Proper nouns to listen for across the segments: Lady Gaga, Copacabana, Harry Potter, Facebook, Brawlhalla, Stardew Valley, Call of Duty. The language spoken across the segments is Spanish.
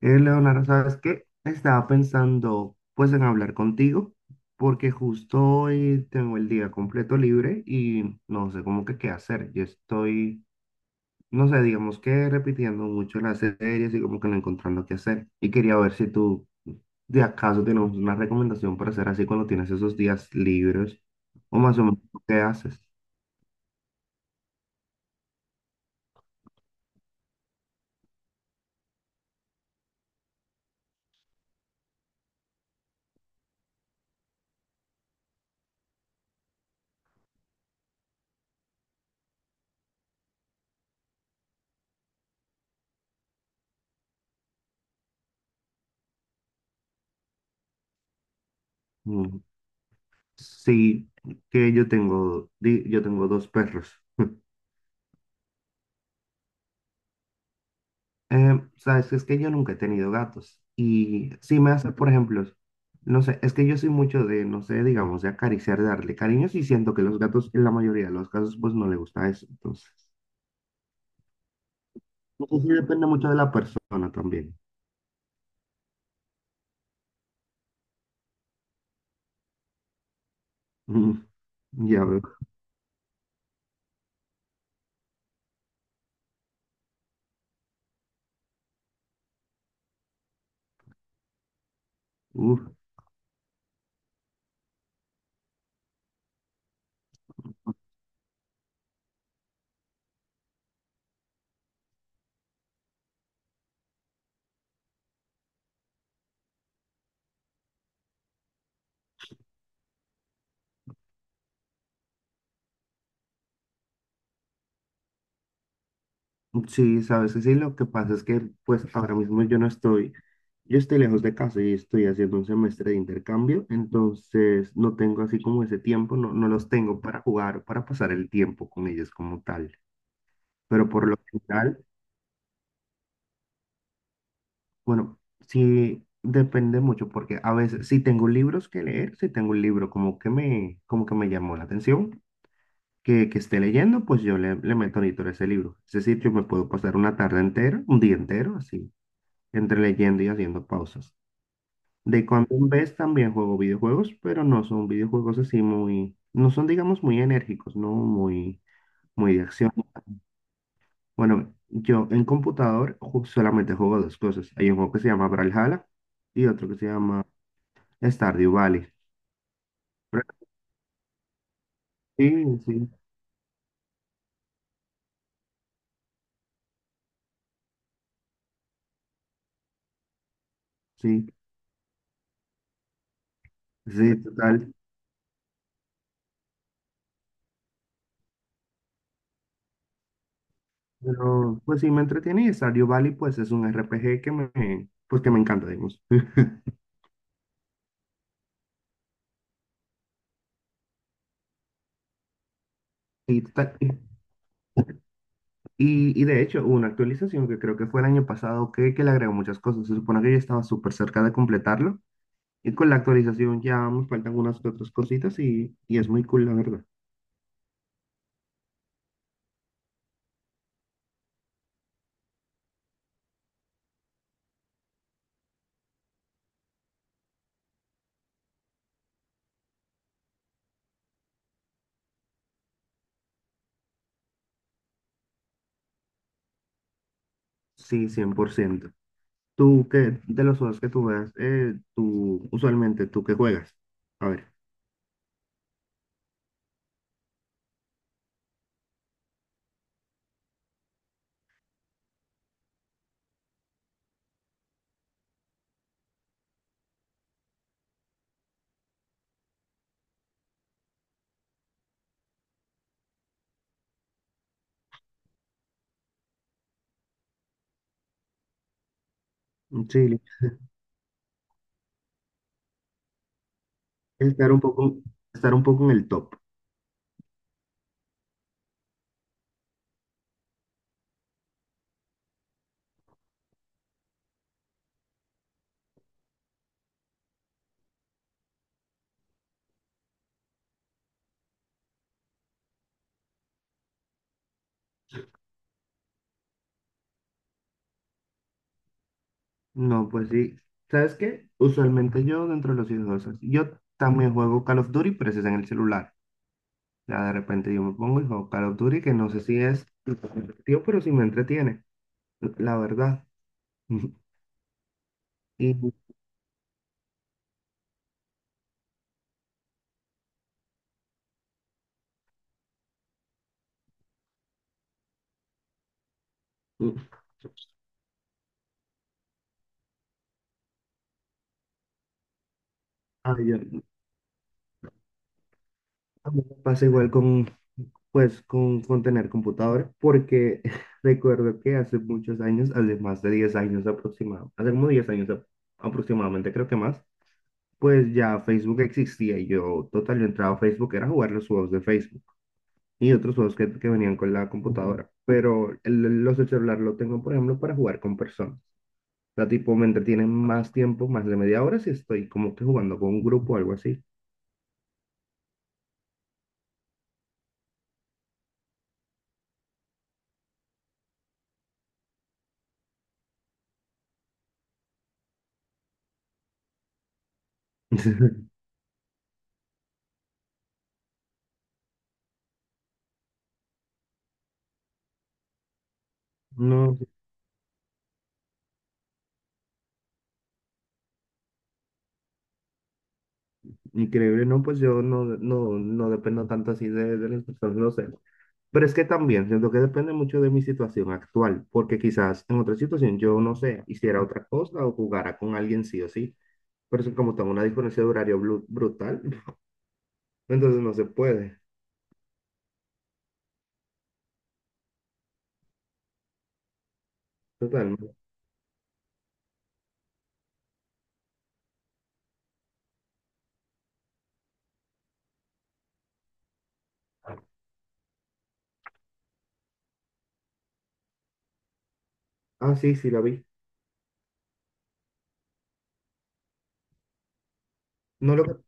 Leonardo, ¿sabes qué? Estaba pensando pues en hablar contigo porque justo hoy tengo el día completo libre y no sé cómo que qué hacer. Yo estoy, no sé, digamos que repitiendo mucho las series y como que no encontrando qué hacer. Y quería ver si tú de acaso tenemos una recomendación para hacer así cuando tienes esos días libres o más o menos qué haces. Mm, sí, que yo tengo, yo tengo dos perros. Sabes, es que yo nunca he tenido gatos y si me hace, por ejemplo, no sé, es que yo soy mucho de, no sé, digamos, de acariciar, de darle cariños y siento que los gatos en la mayoría de los casos pues no le gusta eso, entonces, no sé si depende mucho de la persona también. Mm, ya veo. Uf, sí, sabes, que sí, lo que pasa es que pues ahora mismo yo no estoy, yo estoy lejos de casa y estoy haciendo un semestre de intercambio, entonces no tengo así como ese tiempo, no, no los tengo para jugar, para pasar el tiempo con ellos como tal. Pero por lo general, bueno, sí depende mucho porque a veces si tengo libros que leer, si tengo un libro como que me llamó la atención, que esté leyendo, pues yo le, le meto editor a ese libro. Es decir, yo me puedo pasar una tarde entera, un día entero, así, entre leyendo y haciendo pausas. De cuando en vez también juego videojuegos, pero no son videojuegos así muy, no son digamos muy enérgicos, no muy, muy de acción. Bueno, yo en computador solamente juego dos cosas. Hay un juego que se llama Brawlhalla y otro que se llama Stardew Valley. Pero sí, sí, sí, sí, total. Pero pues sí me entretiene y Stardew Valley pues es un R P G que me, pues que me encanta, digamos. Y, y de hecho hubo una actualización que creo que fue el año pasado que le agregó muchas cosas. Se supone que yo estaba súper cerca de completarlo y con la actualización ya me faltan unas que otras cositas y es muy cool, la verdad. Sí, 100%. Tú que de los juegos que tú juegas, tú usualmente tú que juegas. A ver, un chile. Estar un poco, estar un poco en el top. No, pues sí. ¿Sabes qué? Usualmente yo dentro de los juegos, yo también juego Call of Duty, pero ese es en el celular. Ya de repente yo me pongo y juego Call of Duty, que no sé si es tío, pero sí me entretiene, la verdad. Y y- yo, a mí me pasa igual con, pues con tener computadora porque recuerdo que hace muchos años, hace más de 10 años aproximadamente, hace como 10 años aproximadamente, creo que más, pues ya Facebook existía y yo total, yo entraba a Facebook, era jugar los juegos de Facebook y otros juegos que venían con la computadora, pero los del celular lo tengo, por ejemplo, para jugar con personas. O sea, tipo, me entretienen más tiempo, más de 30 minutos si estoy como que jugando con un grupo o algo así. No, increíble, no, pues yo no, no, no dependo tanto así de las personas, no sé. Pero es que también siento que depende mucho de mi situación actual, porque quizás en otra situación yo, no sé, hiciera otra cosa o jugara con alguien sí o sí. Pero es que como tengo una diferencia de horario brutal, entonces no se puede. Total. Ah, sí, sí, la vi. No lo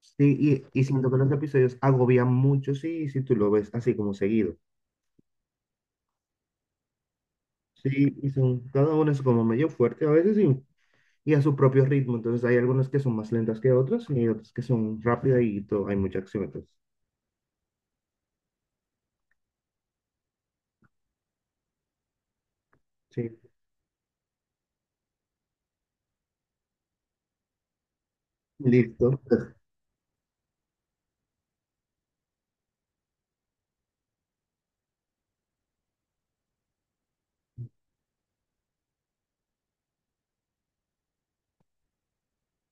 sí, y siento que los episodios agobian mucho, sí, si tú lo ves así como seguido. Sí, y son, cada uno es como medio fuerte a veces, sí, y a su propio ritmo. Entonces hay algunas que son más lentas que otras y hay otras que son rápidas y todo, hay mucha acción. Entonces, sí, listo.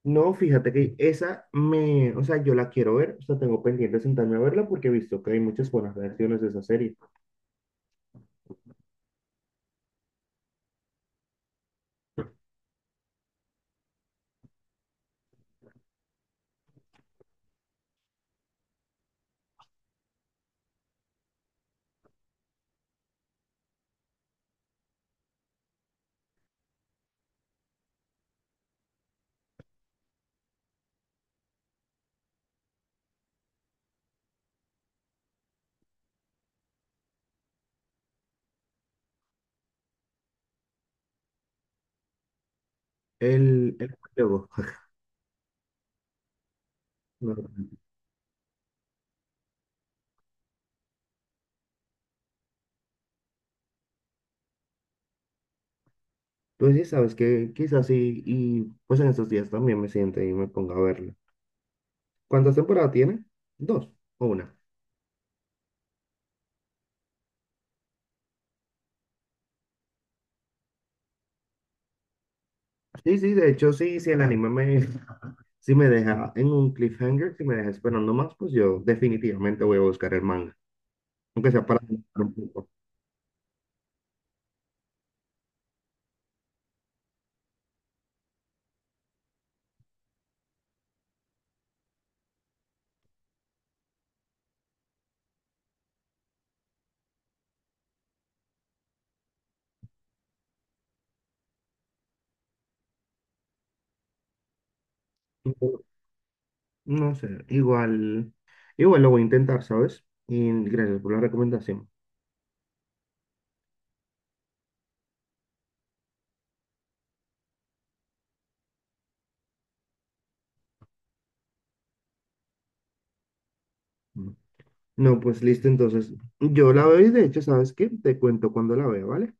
No, fíjate que esa me, o sea, yo la quiero ver, o sea, tengo pendiente de sentarme a verla porque he visto que hay muchas buenas reacciones de esa serie. El juego. No, entonces, sabes que quizás sí, y pues en estos días también me siente y me ponga a verla. ¿Cuántas temporadas tiene? Dos o una. Sí, sí, de hecho, sí, sí, el anime me, si me deja en un cliffhanger, si me deja esperando más, pues yo definitivamente voy a buscar el manga, aunque sea para adelantar un poco. No, no sé, igual, igual lo voy a intentar, ¿sabes? Y gracias por la recomendación. Mm. No, pues listo, entonces yo la veo y de hecho, ¿sabes qué? Te cuento cuando la veo, ¿vale?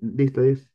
Listo, es.